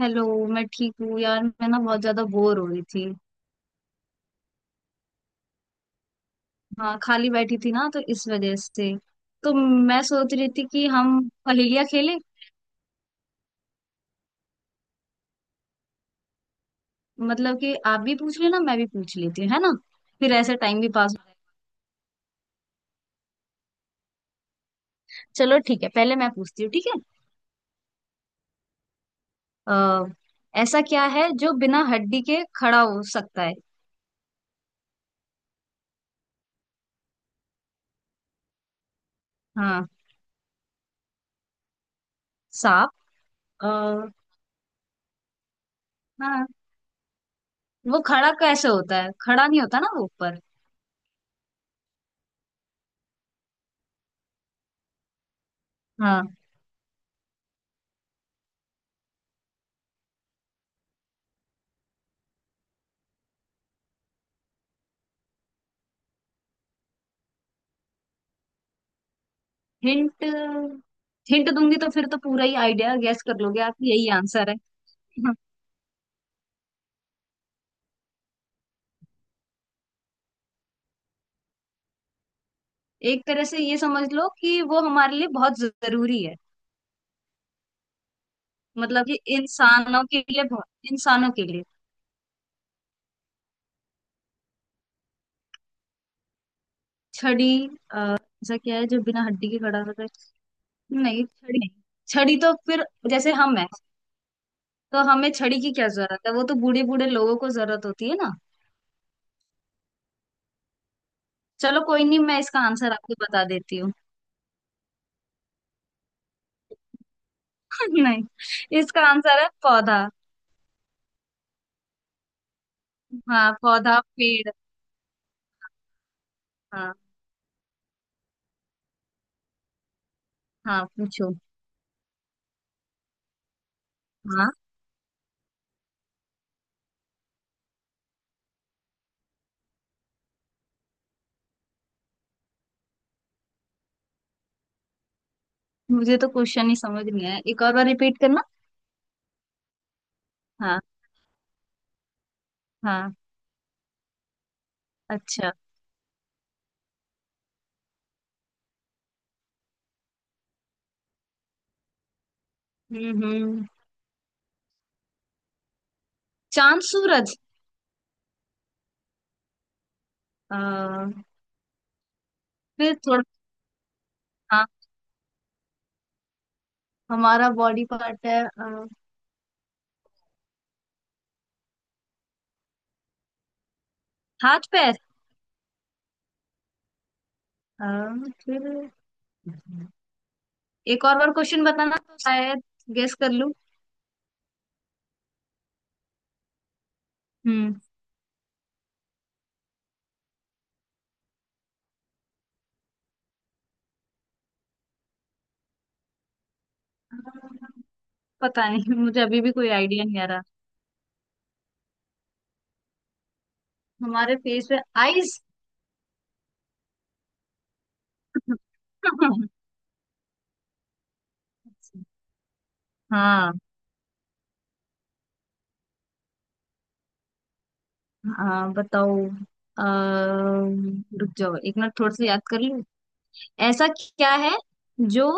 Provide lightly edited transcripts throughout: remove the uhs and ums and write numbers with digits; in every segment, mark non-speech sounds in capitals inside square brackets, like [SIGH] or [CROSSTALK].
Hello. मैं ठीक हूँ यार मैं ना बहुत ज्यादा बोर हो रही थी। हाँ खाली बैठी थी ना तो इस वजह से। तो मैं सोच रही थी कि हम पहेलियाँ खेलें। मतलब कि आप भी पूछ लेना मैं भी पूछ लेती हूँ है ना। फिर ऐसे टाइम भी पास हो जाएगा। चलो ठीक है पहले मैं पूछती हूँ ठीक है। आ, ऐसा क्या है जो बिना हड्डी के खड़ा हो सकता है? हाँ। सांप। आ, हाँ। वो खड़ा कैसे होता है खड़ा नहीं होता ना वो ऊपर। हाँ, हिंट। हिंट दूंगी तो फिर तो पूरा ही आइडिया गैस कर लोगे आप यही आंसर है। [LAUGHS] एक तरह से ये समझ लो कि वो हमारे लिए बहुत जरूरी है। मतलब कि इंसानों के लिए बहुत। इंसानों के लिए। छड़ी। ऐसा क्या है जो बिना हड्डी के खड़ा होता है? नहीं छड़ी नहीं। छड़ी तो फिर। जैसे हम है। तो हमें छड़ी की क्या जरूरत है वो तो बूढ़े बूढ़े लोगों को जरूरत होती है ना। चलो कोई नहीं मैं इसका आंसर आपको बता देती हूँ। [LAUGHS] नहीं। इसका आंसर है पौधा। हाँ पौधा पेड़। हाँ। हाँ पूछो। हाँ। मुझे तो क्वेश्चन ही समझ नहीं आया एक और बार रिपीट करना। हाँ। हाँ। अच्छा। हम्म, हम्म। चांद सूरज। अ, फिर थोड़ा। हाँ। हमारा बॉडी पार्ट है हाथ पैर। अ, फिर एक और बार क्वेश्चन बताना तो शायद गेस कर लूं। हम्म। पता नहीं मुझे अभी भी कोई आइडिया नहीं आ रहा। हमारे फेस पे। आईज। [LAUGHS] हाँ। हाँ बताओ। रुक जाओ एक मिनट थोड़ा सा याद कर लूं। ऐसा क्या है जो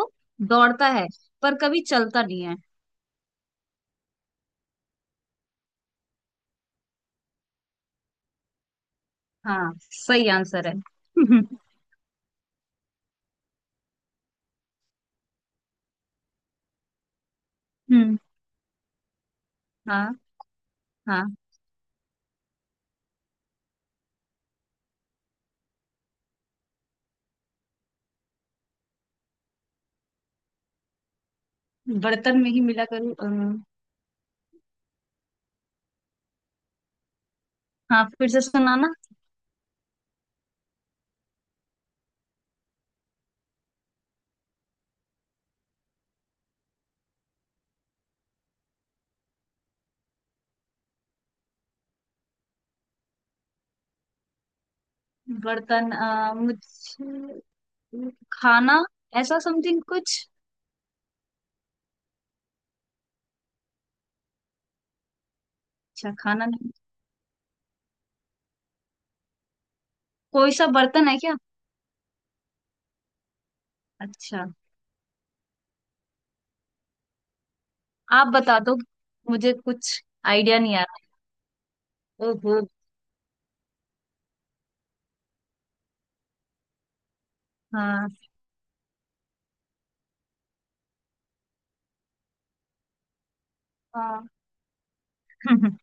दौड़ता है पर कभी चलता नहीं है? हाँ सही आंसर है। [LAUGHS] हम्म। हाँ। हाँ। बर्तन में ही मिला करूँ। हाँ फिर से सुनाना। बर्तन। मुझे खाना ऐसा समथिंग कुछ। अच्छा खाना नहीं। कोई सा बर्तन है क्या? अच्छा। आप बता दो। मुझे कुछ आइडिया नहीं आ रहा। ओहो। हाँ। हाँ। [LAUGHS]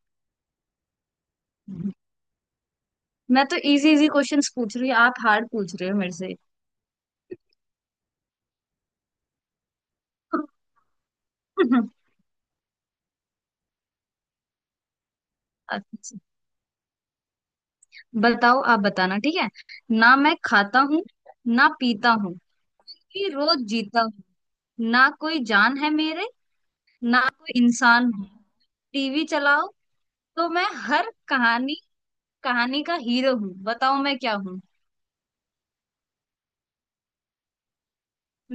मैं तो इजी इजी क्वेश्चंस पूछ रही हूँ आप हार्ड पूछ रहे हो मेरे से। [LAUGHS] अच्छा। बताओ आप बताना ठीक है। ना मैं खाता हूँ ना पीता हूँ फिर रोज जीता हूँ। ना कोई जान है मेरे ना कोई इंसान हूँ। टीवी चलाओ तो मैं हर कहानी कहानी का हीरो हूँ। बताओ मैं क्या हूँ?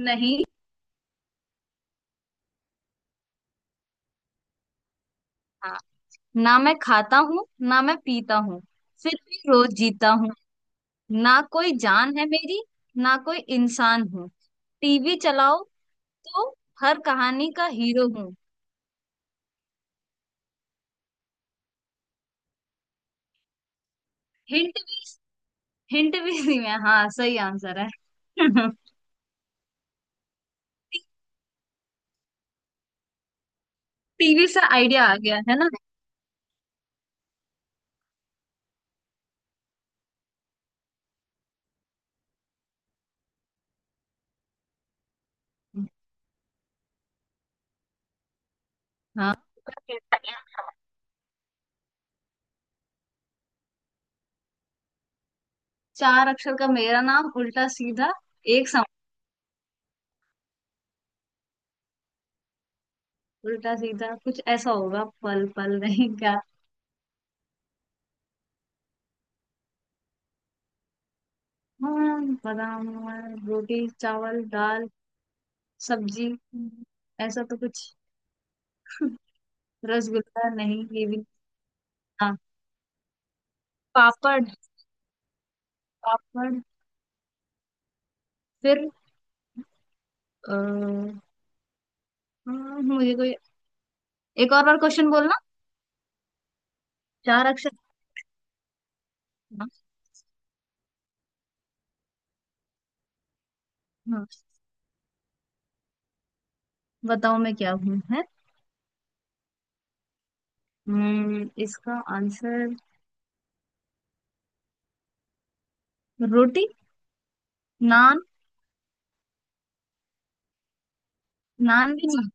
नहीं। हाँ। ना मैं खाता हूँ ना मैं पीता हूँ फिर भी रोज जीता हूँ। ना कोई जान है मेरी ना कोई इंसान हूँ। टीवी चलाओ तो हर कहानी का हीरो हूँ। हिंट भी। हिंट भी दी मैं हाँ सही आंसर है। [LAUGHS] टीवी से आइडिया आ गया है ना। हाँ। चार अक्षर का मेरा नाम उल्टा सीधा एक सम। उल्टा सीधा कुछ ऐसा होगा पल पल नहीं क्या? हाँ बादाम रोटी चावल दाल सब्जी। ऐसा तो कुछ। रसगुल्ला नहीं ये भी। हाँ पापड़। पापड़ फिर अ, हाँ, मुझे कोई एक और बार क्वेश्चन बोलना। चार अक्षर। हाँ। हाँ बताओ मैं क्या हूँ। इसका आंसर। रोटी। नान। नान भी नहीं।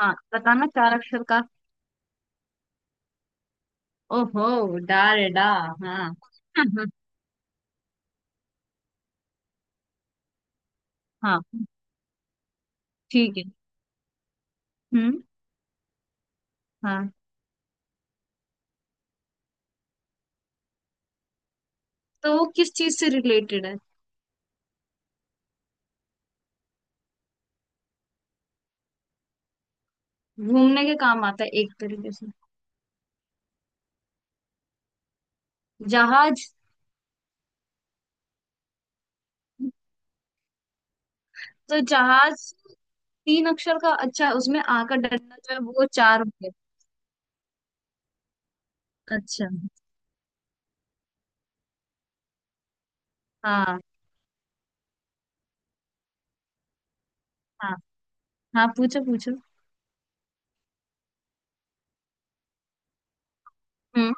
हाँ बताना चार अक्षर का। ओहो डा रे डा। हाँ। [LAUGHS] हाँ। ठीक है। हम्म। हाँ। तो वो किस चीज से रिलेटेड है? घूमने के काम आता है एक तरीके से। जहाज। तो जहाज तीन अक्षर का अच्छा उसमें आ का डंडा जो है वो चार होंगे। अच्छा। हाँ। हाँ हाँ पूछो पूछो। हम्म।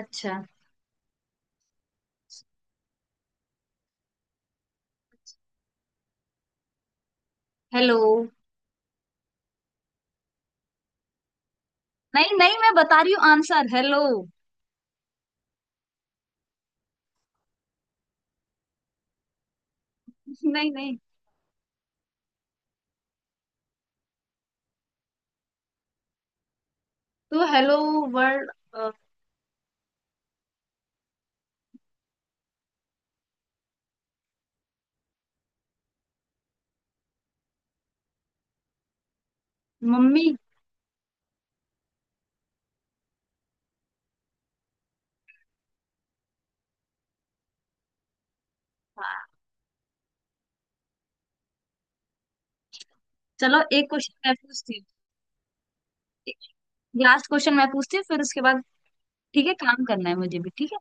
अच्छा। हेलो। नहीं नहीं मैं बता रही हूँ आंसर हेलो। [LAUGHS] नहीं नहीं। तो हेलो वर्ल्ड मम्मी। हाँ, चलो एक क्वेश्चन मैं पूछती हूँ लास्ट क्वेश्चन मैं पूछती हूँ फिर उसके बाद ठीक है काम करना है मुझे भी ठीक है।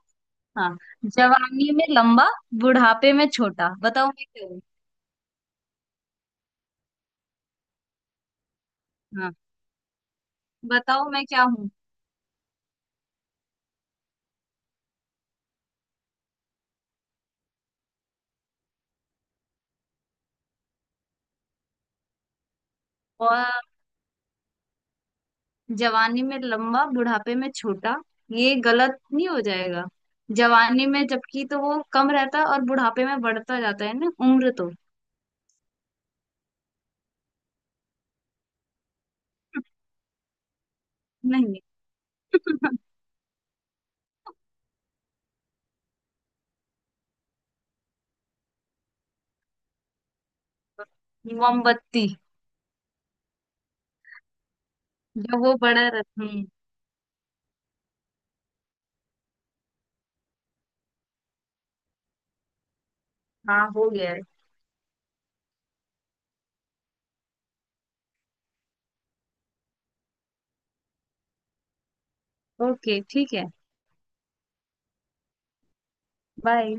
हाँ। जवानी में लंबा बुढ़ापे में छोटा बताओ मैं क्या हूँ? हाँ बताओ मैं क्या हूँ। और जवानी में लंबा बुढ़ापे में छोटा ये गलत नहीं हो जाएगा? जवानी में जबकि तो वो कम रहता है और बुढ़ापे में बढ़ता जाता है ना उम्र तो। नहीं। [LAUGHS] मोमबत्ती। जब वो बड़ा रहता। हम्म। हाँ हो गया है। ओके ठीक है। बाय।